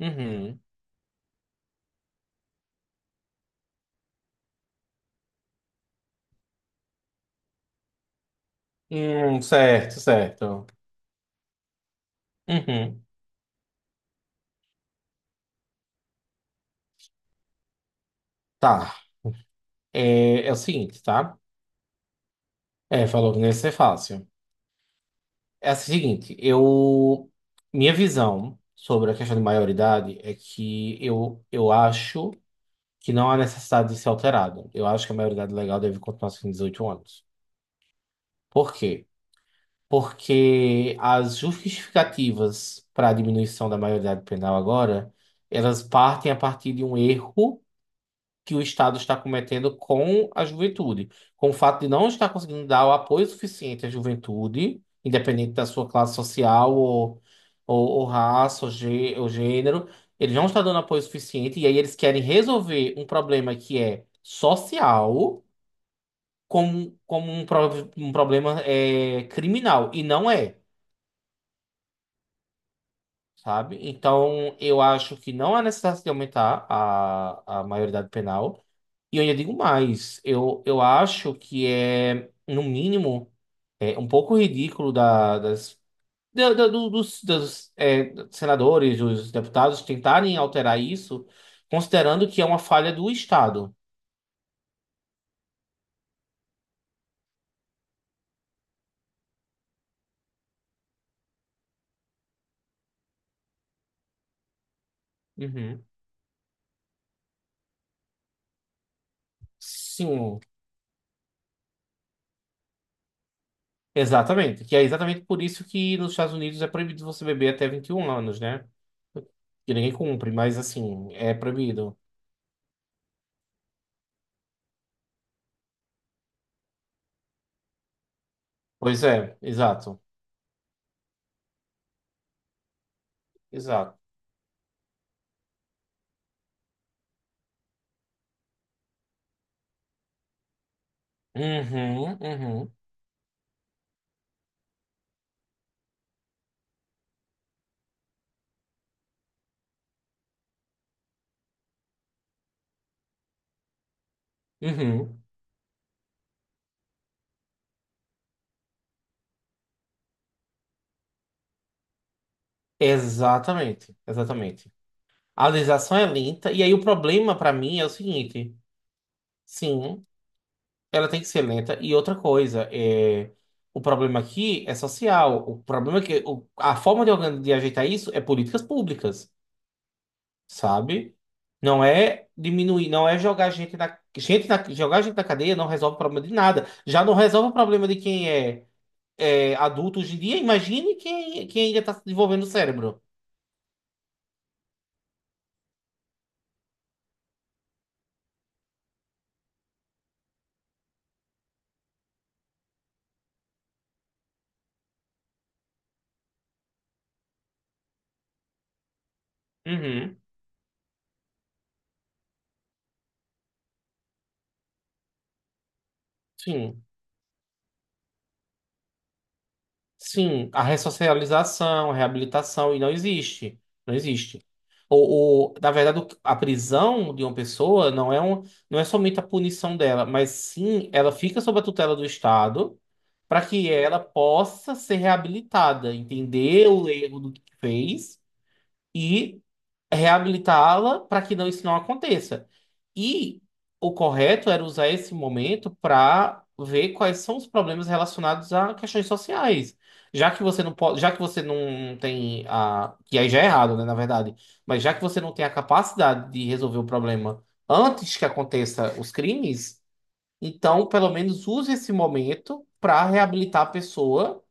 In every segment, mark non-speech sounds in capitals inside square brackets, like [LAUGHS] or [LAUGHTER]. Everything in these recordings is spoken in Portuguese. Uhum. Certo, certo. Uhum. Tá. É o seguinte, tá? É, falou que não ia ser fácil. É o seguinte, eu. Minha visão sobre a questão de maioridade é que eu acho que não há necessidade de ser alterado. Eu acho que a maioridade legal deve continuar sendo 18 anos. Por quê? Porque as justificativas para a diminuição da maioridade penal agora, elas partem a partir de um erro que o Estado está cometendo com a juventude, com o fato de não estar conseguindo dar o apoio suficiente à juventude, independente da sua classe social ou raça ou gênero, eles não estão dando apoio suficiente e aí eles querem resolver um problema que é social como um problema criminal, e não é. Sabe? Então, eu acho que não há necessidade de aumentar a maioridade penal. E eu ainda digo mais, eu acho que é, no mínimo, é um pouco ridículo da- das, da- da- do- dos, dos, é, senadores, dos deputados tentarem alterar isso, considerando que é uma falha do Estado. Uhum. Sim, exatamente. Que é exatamente por isso que nos Estados Unidos é proibido você beber até 21 anos, né? Que ninguém cumpre, mas assim, é proibido. Pois é, exato, exato. Uhum, uhum, uhum. Exatamente, exatamente. A legislação é lenta, e aí o problema pra mim é o seguinte: sim, ela tem que ser lenta, e outra coisa, o problema aqui é social. O problema é que a forma de ajeitar isso é políticas públicas, sabe? Não é diminuir, não é jogar gente na cadeia não resolve o problema de nada. Já não resolve o problema de quem é adulto hoje em dia. Imagine quem ainda está desenvolvendo o cérebro. Uhum, sim. Sim, a ressocialização, a reabilitação, e não existe. Não existe. Ou, na verdade, a prisão de uma pessoa não é somente a punição dela, mas sim ela fica sob a tutela do Estado para que ela possa ser reabilitada, entender o erro do que fez e reabilitá-la para que não, isso não aconteça. E o correto era usar esse momento para ver quais são os problemas relacionados a questões sociais. Já que você não pode, já que você não tem a, que aí já é errado, né, na verdade, mas já que você não tem a capacidade de resolver o problema antes que aconteça os crimes, então pelo menos use esse momento para reabilitar a pessoa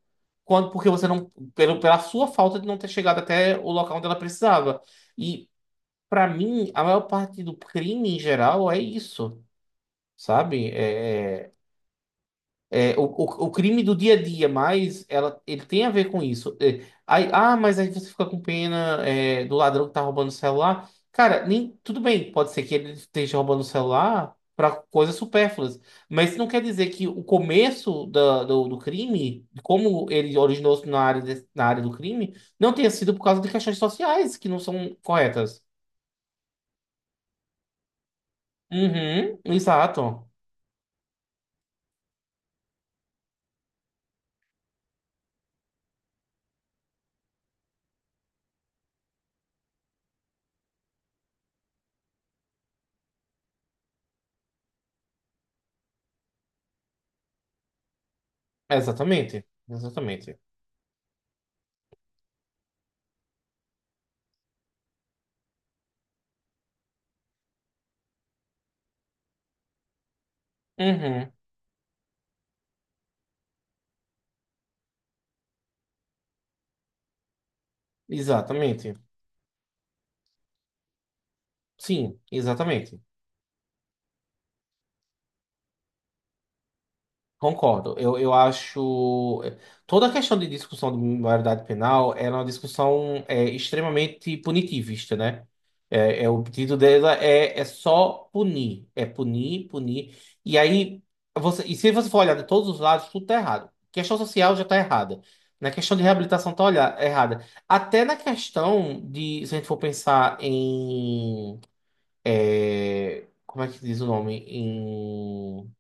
quando porque você não pela sua falta de não ter chegado até o local onde ela precisava. E pra mim, a maior parte do crime em geral é isso, sabe? É o crime do dia a dia, mas ele tem a ver com isso. É, aí, ah, mas aí você fica com pena, do ladrão que tá roubando o celular. Cara, nem, tudo bem, pode ser que ele esteja roubando o celular pra coisas supérfluas, mas isso não quer dizer que o começo do crime, como ele originou-se na área, na área do crime, não tenha sido por causa de questões sociais que não são corretas. Uhum, exato. Exatamente, exatamente. Uhum, exatamente. Sim, exatamente. Concordo. Eu acho. Toda a questão de discussão de maioridade penal ela é uma discussão extremamente punitivista, né? O pedido dela é só punir. É punir, punir. E aí, você, e se você for olhar de todos os lados, tudo tá errado. Questão social já tá errada. Na questão de reabilitação tá errada. Até na questão de, se a gente for pensar em como é que diz o nome?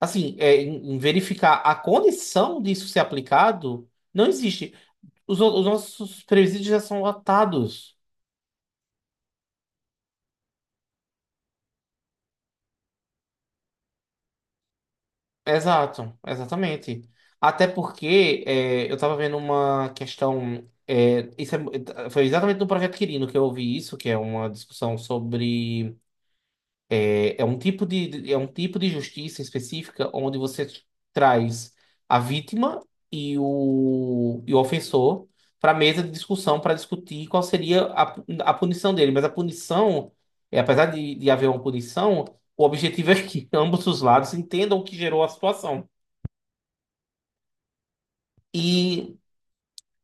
Assim, em verificar a condição disso ser aplicado, não existe. Os, no- os nossos presídios já são lotados. Exato, exatamente. Até porque eu estava vendo uma questão. Foi exatamente no projeto Quirino que eu ouvi isso, que é uma discussão sobre É um tipo de- é um tipo de justiça específica onde você traz a vítima e o ofensor para a mesa de discussão para discutir qual seria a punição dele. Mas a punição, apesar de haver uma punição, o objetivo é que [LAUGHS] ambos os lados entendam o que gerou a situação. E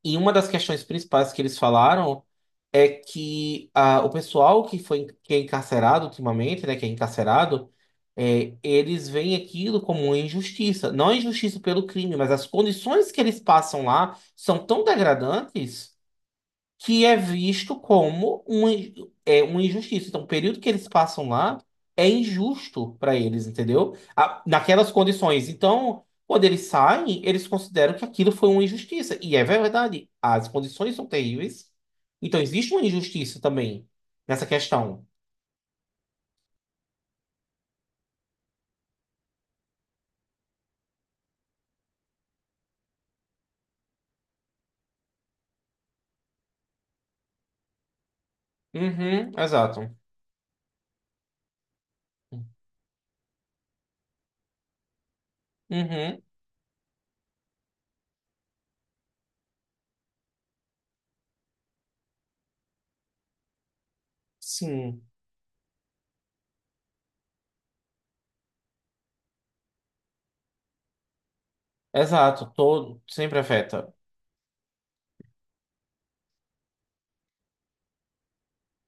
E uma das questões principais que eles falaram é que ah, o pessoal que é encarcerado ultimamente, né, que é encarcerado, eles veem aquilo como uma injustiça. Não a injustiça pelo crime, mas as condições que eles passam lá são tão degradantes que é visto como uma injustiça. Então, o período que eles passam lá é injusto para eles, entendeu? Naquelas condições. Então, quando eles saem, eles consideram que aquilo foi uma injustiça. E é verdade, as condições são terríveis. Então, existe uma injustiça também nessa questão. Uhum, exato. Uhum, sim, exato. Todo sempre afeta.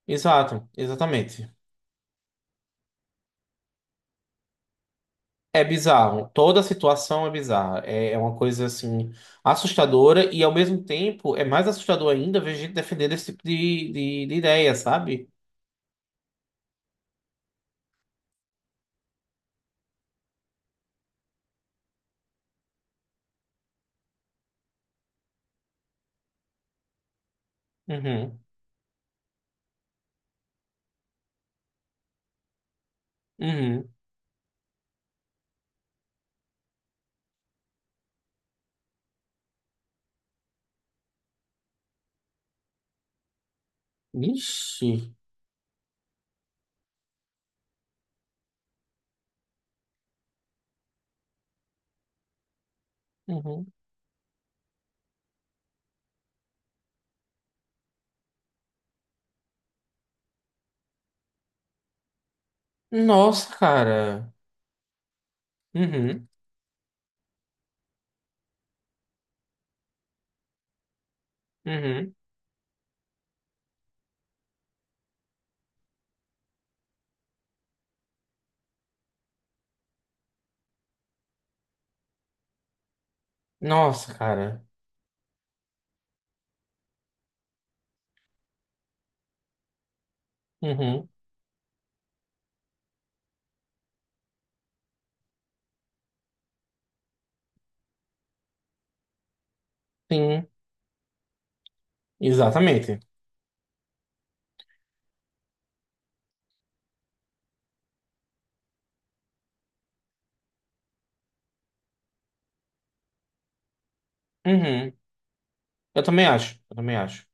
Exato, exatamente. É bizarro. Toda a situação é bizarra. É uma coisa assim assustadora e ao mesmo tempo é mais assustador ainda ver gente defendendo esse tipo de ideia, sabe? Uhum. Uhum. Ixi. Uhum. Nossa, cara. Uhum. Uhum. Nossa, cara. Uhum. Sim. Exatamente. Uhum. Eu também acho. Eu também acho.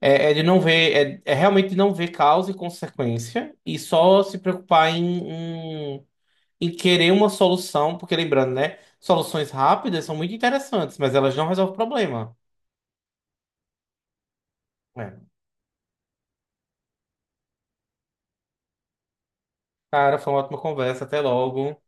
É de não ver, é realmente de não ver causa e consequência e só se preocupar em e querer uma solução, porque lembrando, né? Soluções rápidas são muito interessantes, mas elas não resolvem o problema. É. Cara, foi uma ótima conversa. Até logo.